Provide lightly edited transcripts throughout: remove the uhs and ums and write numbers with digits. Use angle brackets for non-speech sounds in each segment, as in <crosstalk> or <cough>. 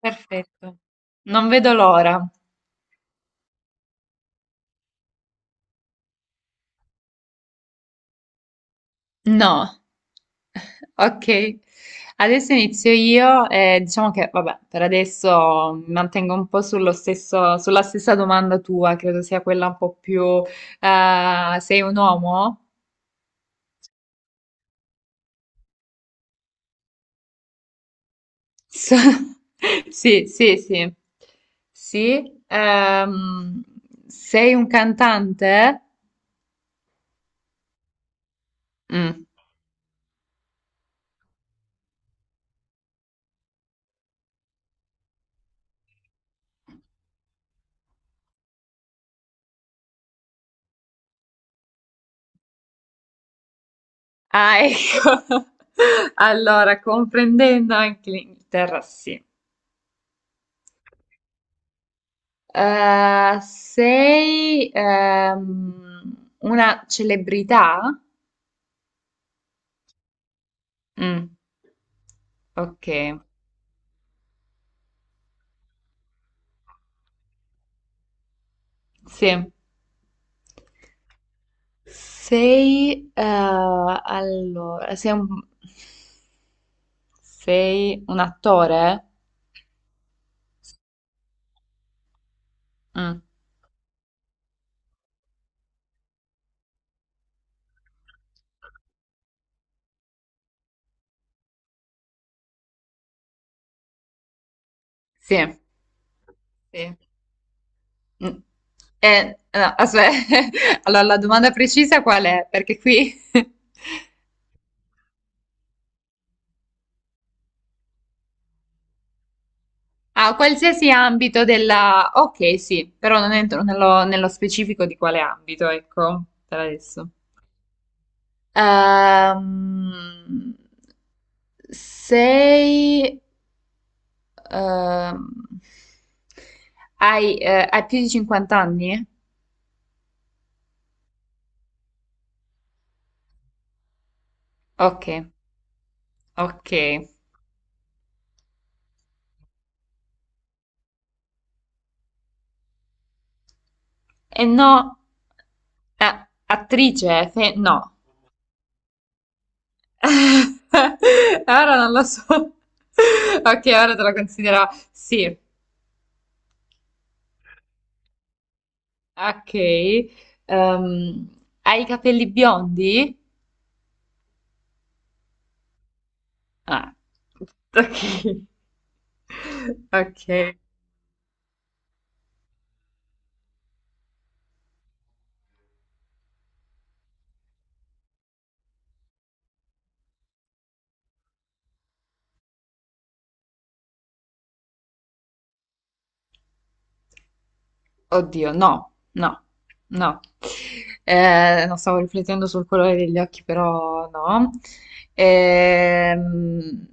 Perfetto, non vedo l'ora. No. <laughs> Ok, adesso inizio io e diciamo che, vabbè, per adesso mi mantengo un po' sullo stesso, sulla stessa domanda tua, credo sia quella un po' più... sei un uomo? So- <laughs> Sì, sì, sì. Sì, sei un cantante? Mm. Ah, ecco. <laughs> Allora, comprendendo anche l'Inghilterra, sì. Sei una celebrità? Mm, ok, sì. Allora, sei un attore? Mm, sì, sì. Mm. No, aspetta. <laughs> Allora la domanda precisa qual è? Perché qui... <laughs> A qualsiasi ambito della... Ok, sì, però non entro nello specifico di quale ambito, ecco, per adesso. Ehm, sei... ehm, hai più di 50 anni? Ok, ok. E no, ah, attrice, no. <laughs> Ora non lo so. <laughs> Ok, ora te la considero. Sì. Ok, ehm, hai i capelli biondi? Ah, ok. Ok. Oddio, no, no, no. Non stavo riflettendo sul colore degli occhi, però no. Ehm,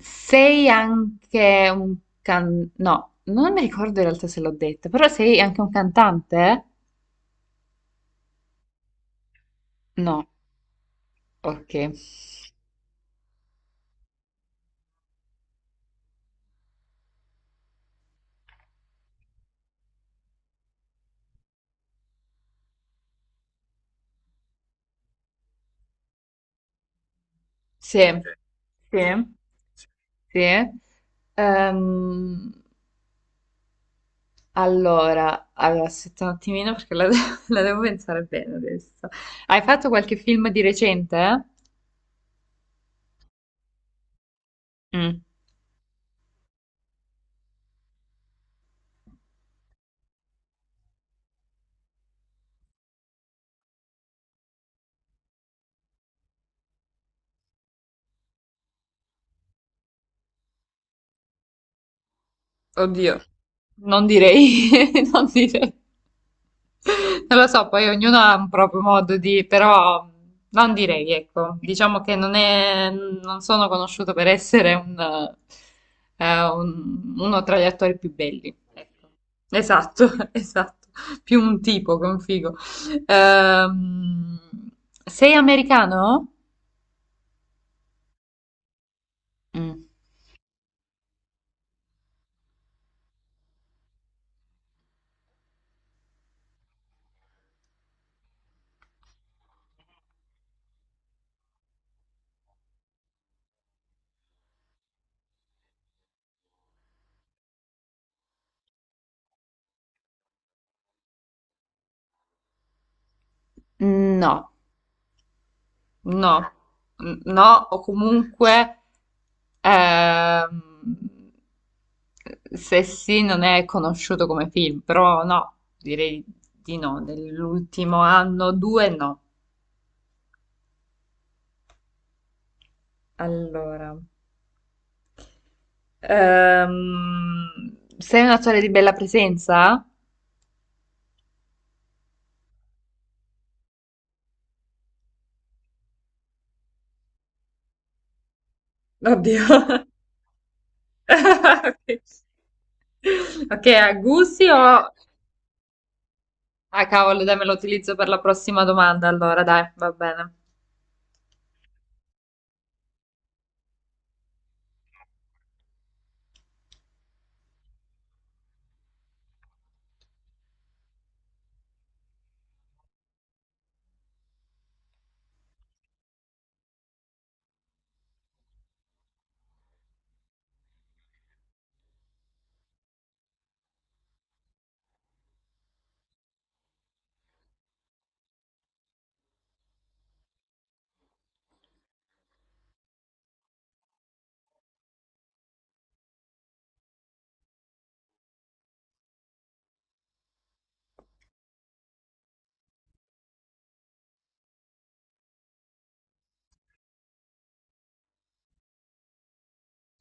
sei anche un can... No, non mi ricordo in realtà se l'ho detta, però sei anche un cantante? No, ok. Sì, sì. Sì. Ehm, allora, aspetta un attimino perché <laughs> la devo pensare bene adesso. Hai fatto qualche film di recente? Mm. Oddio. Non direi, <laughs> non direi. Non lo so, poi ognuno ha un proprio modo di, però non direi, ecco, diciamo che non è, non sono conosciuto per essere uno tra gli attori più belli. Ecco. Esatto, <laughs> esatto, più un tipo che un figo. Ehm, Sei americano? Mm. No, no, no, o comunque ehm, se sì non è conosciuto come film, però no, direi di no, nell'ultimo anno, due no. Allora, sei un attore di bella presenza? Oddio. <laughs> Ok, ok, a gusti o... Ah, cavolo, dai, me lo utilizzo per la prossima domanda, allora, dai, va bene.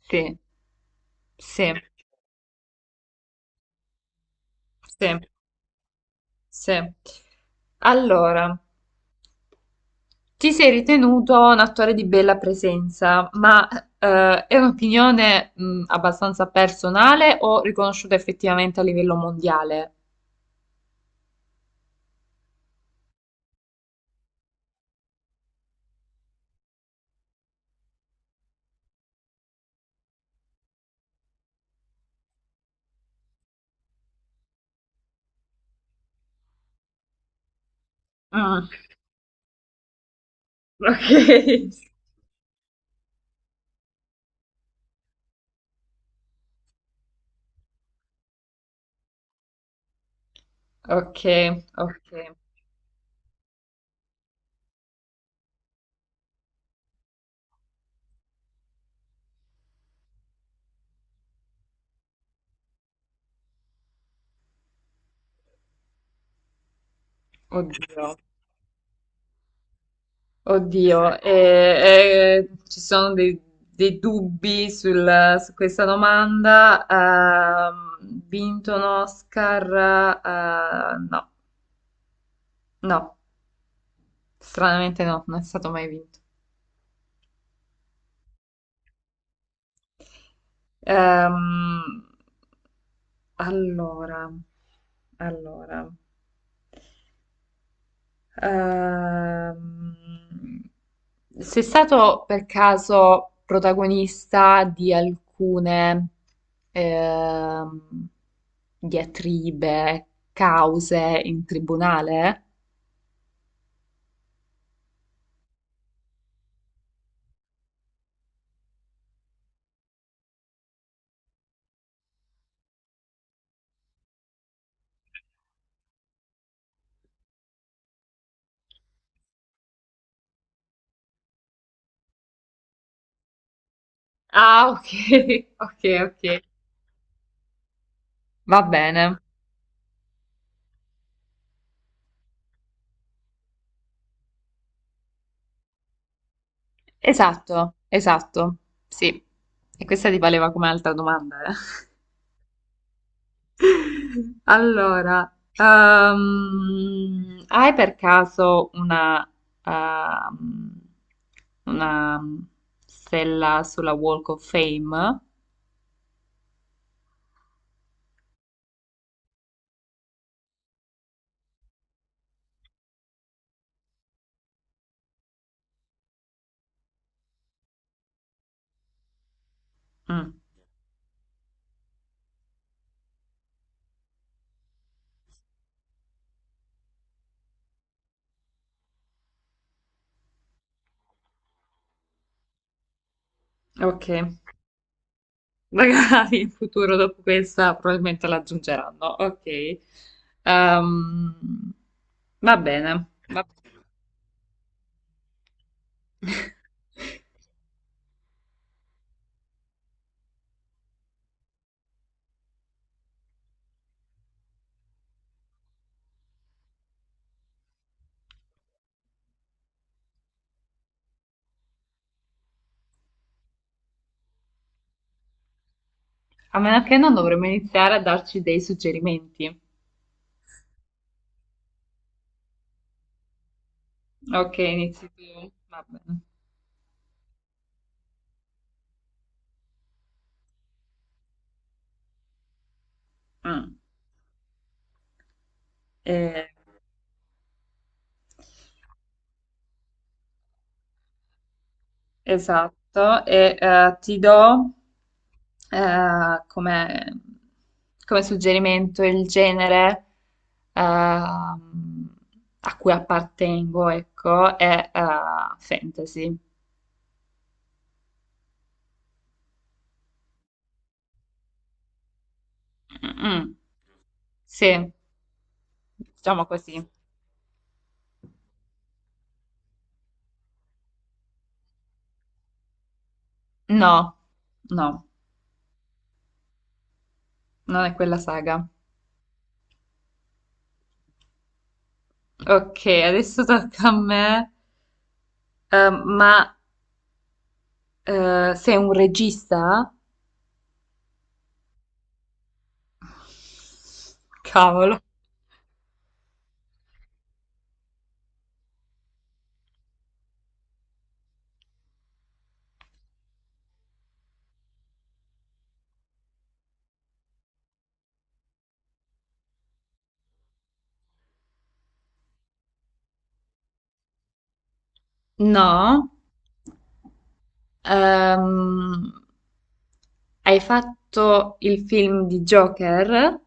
Sì, sì, sì. Sì. Allora, ti sei ritenuto un attore di bella presenza, ma è un'opinione abbastanza personale o riconosciuta effettivamente a livello mondiale? Ah, <laughs> ok. Ok, ok. Oddio, oddio. Ci sono dei dubbi su questa domanda. Vinto un Oscar? No, no. Stranamente no, non è stato mai vinto. Ehm, allora, allora, ehm, sei stato per caso protagonista di alcune ehm, diatribe, cause in tribunale? Ah, ok, <laughs> ok, ok. Va bene. Esatto, esatto. Sì. E questa ti valeva come altra domanda, eh? Allora, hai per caso ehm, una stella sulla Walk of Fame? Mm, ok. <laughs> Magari in futuro dopo questa probabilmente l'aggiungeranno. Ok. Ehm, Va bene. <laughs> A meno che non dovremmo iniziare a darci dei suggerimenti. Ok, inizi tu. Va bene. Mm. Eh, Esatto. E ti do, eh, come, come suggerimento il genere ehm, a cui appartengo, ecco, è fantasy. Mm, sì, diciamo così. No, no, non è quella saga. Ok, adesso tocca a me. Ma sei un regista? Cavolo. No. Ehm, Hai fatto il film di Joker?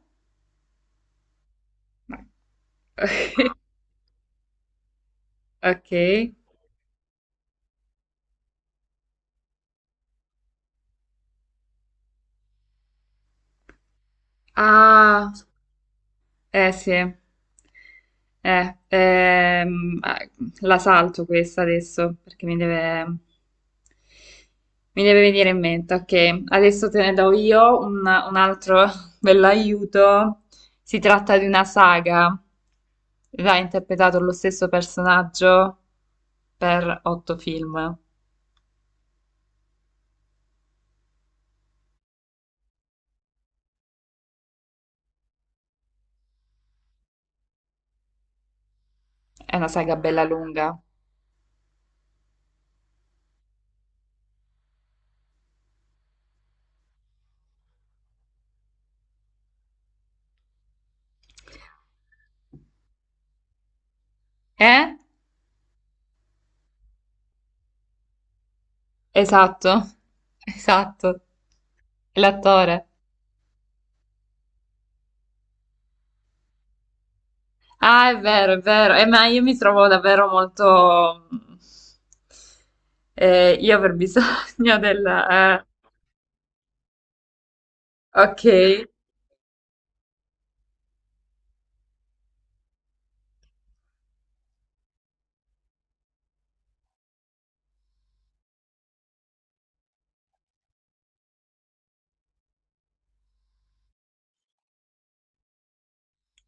<laughs> No. Ok. Ah. Eh sì, ehm, eh, la salto questa adesso perché mi deve venire in mente. Ok, adesso te ne do io un altro <laughs> bell'aiuto. Si tratta di una saga. L'ha interpretato lo stesso personaggio per otto film. È una saga bella lunga. Eh? Esatto, <laughs> esatto. L'attore. Ah, è vero, è vero. Ma io mi trovo davvero molto... io aver bisogno <laughs> della... ok.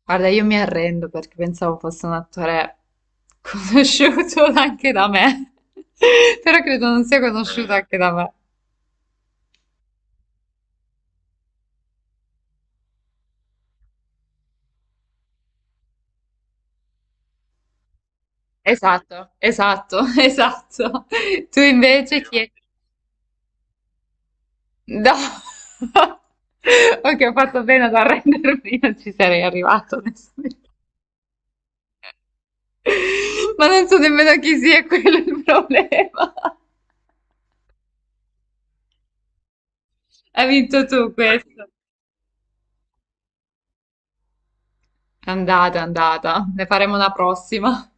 Guarda, io mi arrendo perché pensavo fosse un attore conosciuto <laughs> anche da me. <laughs> Però credo non sia conosciuto anche da me. Esatto, esatto, <laughs> esatto. Tu invece chi è? No. <laughs> Ok, ho fatto bene ad arrendermi, non ci sarei arrivato, onestamente. <laughs> Ma non so nemmeno chi sia, <laughs> quello è il problema. <laughs> Hai vinto tu questo. È andata, è andata. Ne faremo una prossima.